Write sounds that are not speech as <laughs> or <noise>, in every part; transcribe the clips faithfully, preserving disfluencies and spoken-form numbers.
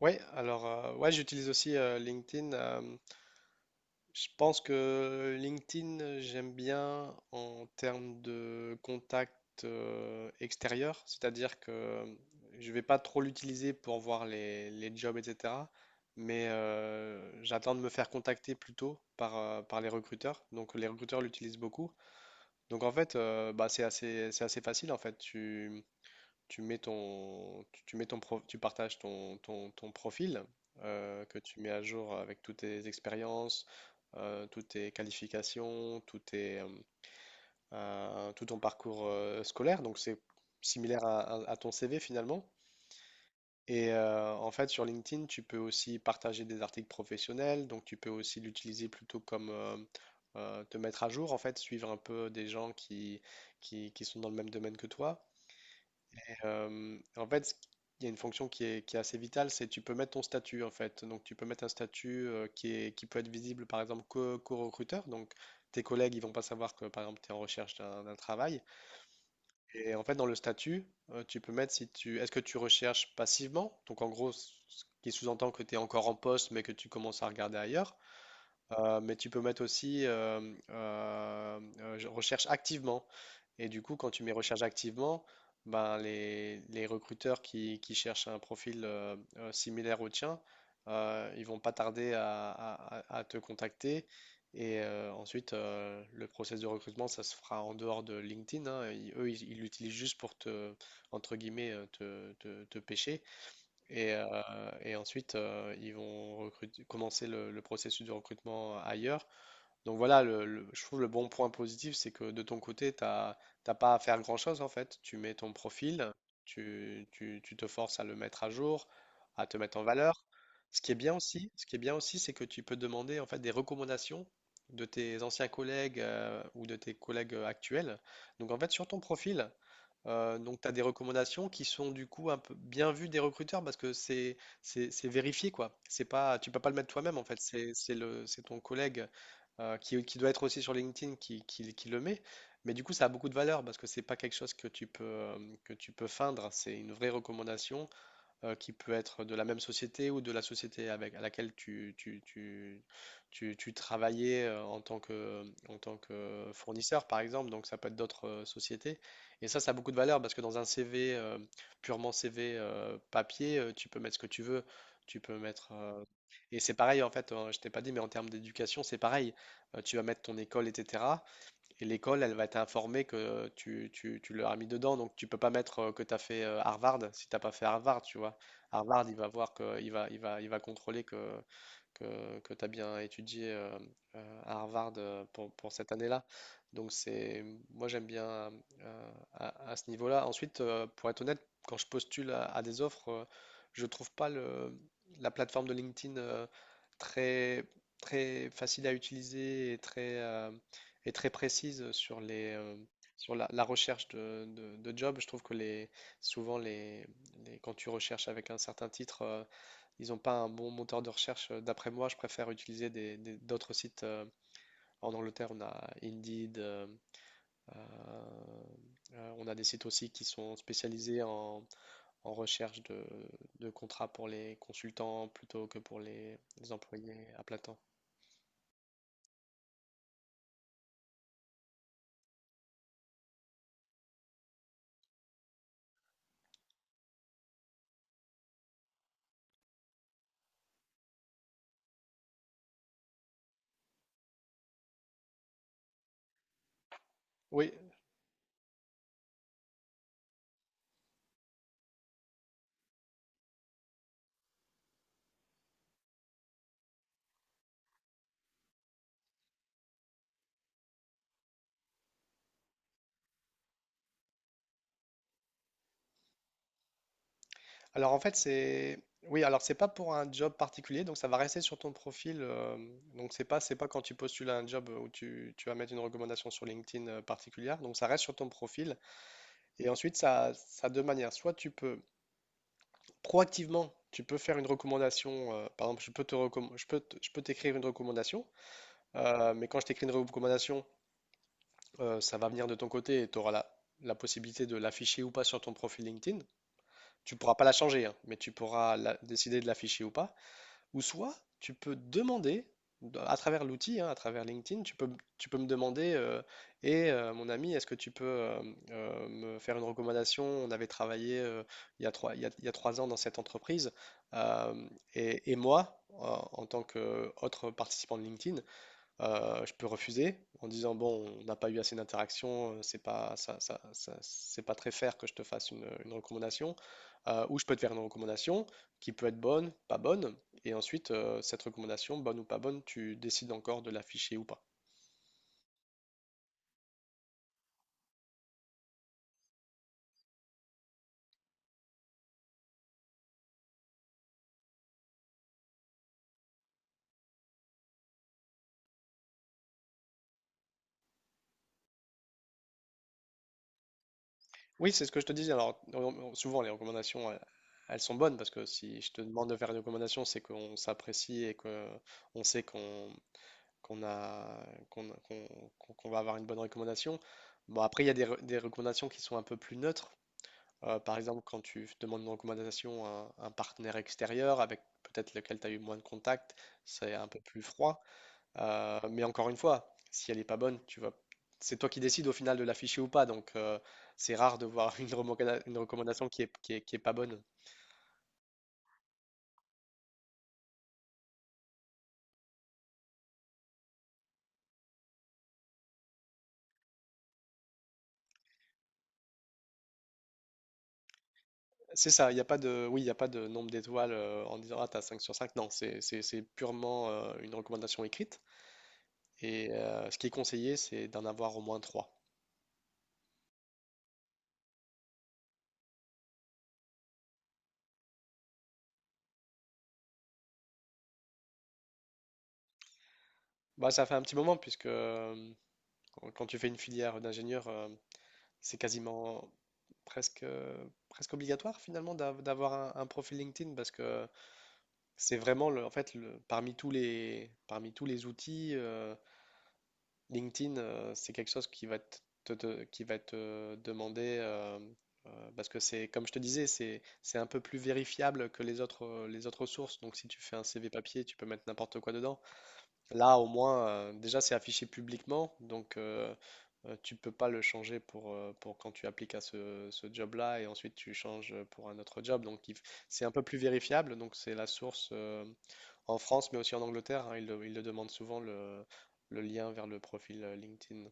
Ouais, alors euh, ouais, j'utilise aussi euh, LinkedIn. Euh, je pense que LinkedIn, euh, j'aime bien en termes de contact euh, extérieur, c'est-à-dire que je vais pas trop l'utiliser pour voir les, les jobs, et cetera. Mais euh, j'attends de me faire contacter plutôt par, euh, par les recruteurs. Donc les recruteurs l'utilisent beaucoup. Donc en fait, euh, bah, c'est assez, c'est assez facile en fait. Tu tu mets ton, tu tu mets ton pro- tu partages ton, ton, ton profil euh, que tu mets à jour avec toutes tes expériences, euh, toutes tes qualifications, tout tes, euh, euh, tout ton parcours euh, scolaire. Donc c'est similaire à, à- à ton C V finalement. Et euh, en fait, sur LinkedIn, tu peux aussi partager des articles professionnels. Donc tu peux aussi l'utiliser plutôt comme euh, euh, te mettre à jour, en fait, suivre un peu des gens qui, qui, qui sont dans le même domaine que toi. Euh, en fait, il y a une fonction qui est, qui est assez vitale, c'est tu peux mettre ton statut en fait. Donc tu peux mettre un statut euh, qui est, qui peut être visible par exemple qu'aux qu'aux recruteurs. Donc tes collègues, ils vont pas savoir que par exemple tu es en recherche d'un d'un travail. Et en fait, dans le statut, euh, tu peux mettre si tu est-ce que tu recherches passivement? Donc en gros, ce qui sous-entend que tu es encore en poste mais que tu commences à regarder ailleurs. Euh, mais tu peux mettre aussi euh, euh, euh, je recherche activement. Et du coup, quand tu mets recherche activement, ben les, les recruteurs qui, qui cherchent un profil euh, euh, similaire au tien, euh, ils vont pas tarder à, à- à- à te contacter. Et euh, ensuite, euh, le process de recrutement, ça se fera en dehors de LinkedIn, hein. Ils- eux, ils ils l'utilisent juste pour te, entre guillemets, euh, te, te, te pêcher. Et, euh, et ensuite, euh, ils vont recrut- commencer le, le processus de recrutement ailleurs. Donc voilà, le- le- je trouve le bon point positif, c'est que de ton côté, tu n'as pas à faire grand-chose en fait. Tu mets ton profil, tu, tu- tu te forces à le mettre à jour, à te mettre en valeur. Ce qui est bien aussi, ce qui est bien aussi, c'est que tu peux demander en fait des recommandations de tes anciens collègues euh, ou de tes collègues actuels. Donc en fait, sur ton profil, euh, donc, tu as des recommandations qui sont du coup un peu bien vues des recruteurs parce que c'est c'est c'est vérifié quoi. C'est pas, tu peux pas le mettre toi-même en fait. C'est c'est le c'est ton collègue euh, qui, qui doit être aussi sur LinkedIn qui, qui, qui le met. Mais du coup, ça a beaucoup de valeur parce que c'est pas quelque chose que tu peux euh, que tu peux feindre. C'est une vraie recommandation euh, qui peut être de la même société ou de la société avec, à laquelle tu, tu, tu, tu, tu travaillais euh, en tant que, en tant que fournisseur, par exemple. Donc, ça peut être d'autres euh, sociétés. Et ça, ça a beaucoup de valeur parce que dans un C V, euh, purement C V euh, papier, euh, tu peux mettre ce que tu veux. Tu peux mettre. euh, Et c'est pareil, en fait, euh, je t'ai pas dit, mais en termes d'éducation, c'est pareil. Euh, tu vas mettre ton école, et cetera. Et l'école, elle va t'informer que tu, tu, tu l'as mis dedans. Donc, tu peux pas mettre euh, que tu as fait euh, Harvard si t'as pas fait Harvard, tu vois. Harvard, il va voir que, il va, il va, il va contrôler que, que, que, tu as bien étudié euh, euh, à Harvard euh, pour, pour cette année-là. Donc, c'est, moi, j'aime bien euh, euh, à, à ce niveau-là. Ensuite, euh, pour être honnête, quand je postule à, à des offres, euh, je trouve pas le, la plateforme de LinkedIn euh, très, très facile à utiliser et très. euh, et très précise sur les, euh, sur la, la recherche de, de, de job. Je trouve que les, souvent, les, les- quand tu recherches avec un certain titre, euh, ils n'ont pas un bon moteur de recherche. Euh, D'après moi, je préfère utiliser des, des- d'autres sites. Euh, en Angleterre, on a Indeed, euh, euh, euh, on a des sites aussi qui sont spécialisés en, en recherche de, de contrats pour les consultants plutôt que pour les, les employés à plein temps. Oui, alors en fait, c'est oui, alors c'est pas pour un job particulier, donc ça va rester sur ton profil. Euh, donc c'est pas c'est pas quand tu postules à un job où tu, tu vas mettre une recommandation sur LinkedIn euh, particulière, donc ça reste sur ton profil. Et ensuite ça ça a deux manières. Soit tu peux proactivement. Tu peux faire une recommandation, euh, par exemple, je peux te recomm- je peux te- je peux t'écrire une recommandation, euh, mais quand je t'écris une recommandation, euh, ça va venir de ton côté et tu auras la, la possibilité de l'afficher ou pas sur ton profil LinkedIn. Tu pourras pas la changer, hein, mais tu pourras la- décider de l'afficher ou pas. Ou soit, tu peux demander, dans- à travers l'outil, hein, à travers LinkedIn, tu peux, m- tu peux me demander, euh, et euh, mon ami, est-ce que tu peux euh, euh, me faire une recommandation? On avait travaillé euh, il y a trois, il y a- il y a trois ans dans cette entreprise, euh, et, et moi, en en tant qu'autre participant de LinkedIn, euh, je peux refuser en disant, bon, on n'a pas eu assez d'interactions, euh, c'est pas, ça, ça- ça- c'est pas très fair que je te fasse une, une recommandation. Euh, ou je peux te faire une recommandation qui peut être bonne, pas bonne, et ensuite, euh, cette recommandation, bonne ou pas bonne, tu décides encore de l'afficher ou pas. Oui, c'est ce que je te disais. Alors, on- on- souvent, les recommandations, elles, elles sont bonnes parce que si je te demande de faire une recommandation, c'est qu'on s'apprécie et qu'on sait qu'on qu'on a, qu'on, qu'on, qu'on- qu'on va avoir une bonne recommandation. Bon, après, il y a des, re- des recommandations qui sont un peu plus neutres. Euh, par exemple, quand tu f- demandes une recommandation à un, un partenaire extérieur avec peut-être lequel tu as eu moins de contact, c'est un peu plus froid. Euh, mais encore une fois, si elle n'est pas bonne, tu vas, c'est toi qui décides au final de l'afficher ou pas. Donc, euh, c'est rare de voir <laughs> une, remoca- une recommandation qui est, qui est, qui est pas bonne. C'est ça, il n'y a pas de, oui, il n'y a pas de nombre d'étoiles euh, en disant, ah, t'as cinq sur cinq. Non, c'est c'est- c'est purement euh, une recommandation écrite. Et euh, ce qui est conseillé, c'est d'en avoir au moins trois. Bah, ça fait un petit moment, puisque euh, quand tu fais une filière d'ingénieur, euh, c'est quasiment presque, euh, presque obligatoire finalement d'av- d'avoir un, un profil LinkedIn, parce que c'est vraiment, le, en fait, le, parmi tous les, parmi tous les outils, euh, LinkedIn, euh, c'est quelque chose qui va te, te- te- qui va te demander, euh, euh, parce que c'est, comme je te disais, c'est, c'est un peu plus vérifiable que les autres, les autres sources. Donc si tu fais un C V papier, tu peux mettre n'importe quoi dedans. Là, au moins, euh, déjà, c'est affiché publiquement, donc euh, euh, tu peux pas le changer pour, euh, pour quand tu appliques à ce, ce job-là et ensuite tu changes euh, pour un autre job. Donc, il f- c'est un peu plus vérifiable. Donc, c'est la source euh, en France, mais aussi en Angleterre, hein. Ils le, ils le demandent souvent le, le lien vers le profil euh, LinkedIn.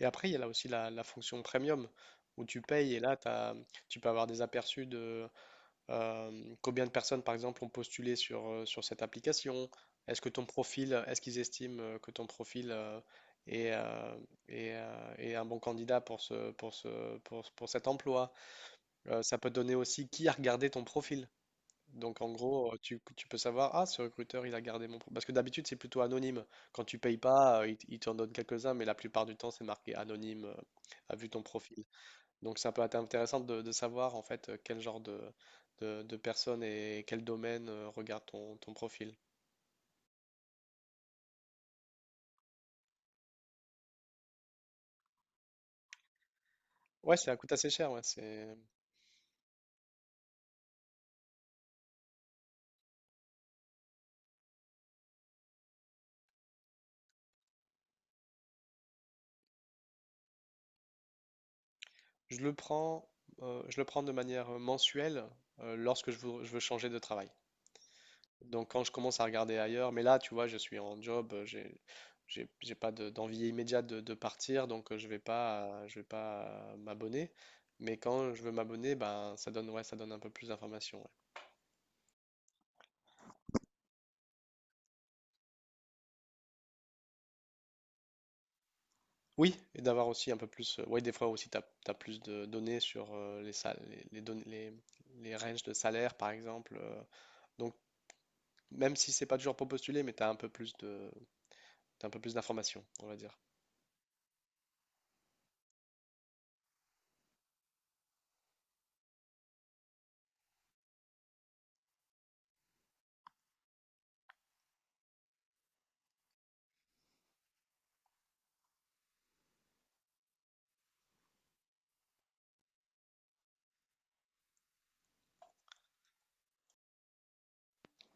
Et après, il y a là aussi la, la fonction premium où tu payes et là, t'as- tu peux avoir des aperçus de, Euh, combien de personnes, par exemple, ont postulé sur, euh, sur cette application? Est-ce que ton profil, euh, est-ce qu'ils estiment euh, que ton profil euh, est, euh, est, euh, est un bon candidat pour ce, pour ce, pour, ce- pour cet emploi? Euh, ça peut donner aussi qui a regardé ton profil. Donc, en gros, euh, tu, tu peux savoir, ah, ce recruteur, il a gardé mon profil. Parce que d'habitude, c'est plutôt anonyme. Quand tu payes pas, euh, il, il t'en donne quelques-uns, mais la plupart du temps, c'est marqué anonyme, euh, a vu ton profil. Donc ça peut être intéressant de, de savoir en fait euh, quel genre de, de, de personnes et quel domaine euh, regarde ton, ton profil. Ouais, ça coûte assez cher, ouais, c'est... Je le prends, euh, je le prends de manière euh, mensuelle euh, lorsque je veux, je veux changer de travail. Donc quand je commence à regarder ailleurs, mais là, tu vois, je suis en job, euh, j'ai, j'ai, j'ai pas de- d'envie immédiate de, de partir, donc euh, je vais pas, euh, je vais pas euh, m'abonner. Mais quand je veux m'abonner, ben ça donne, ouais, ça donne un peu plus d'informations, ouais. Oui, et d'avoir aussi un peu plus. euh, Oui, des fois aussi, tu as plus de données sur euh, les, sal- les, les, don- les, les ranges de salaire, par exemple. Euh, donc, même si c'est pas toujours pour postuler, mais tu as un peu plus de, t'as un peu plus d'informations, on va dire.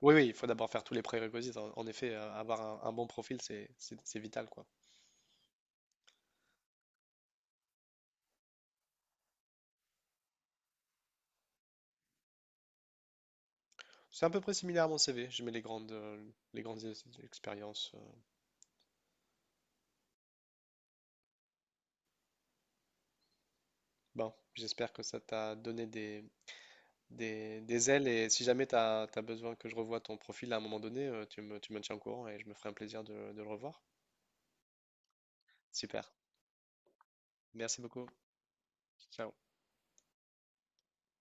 Oui, oui, il faut d'abord faire tous les prérequis. En, en effet, euh, avoir un, un bon profil, c'est c'est- c'est vital, quoi. C'est à peu près similaire à mon C V. Je mets les grandes, euh, les grandes ex- expériences. euh. Bon, j'espère que ça t'a donné des, des, des ailes et si jamais tu as besoin que je revoie ton profil à un moment donné, euh, tu me, tu me tiens au courant et je me ferai un plaisir de, de le revoir. Super. Merci beaucoup. Ciao.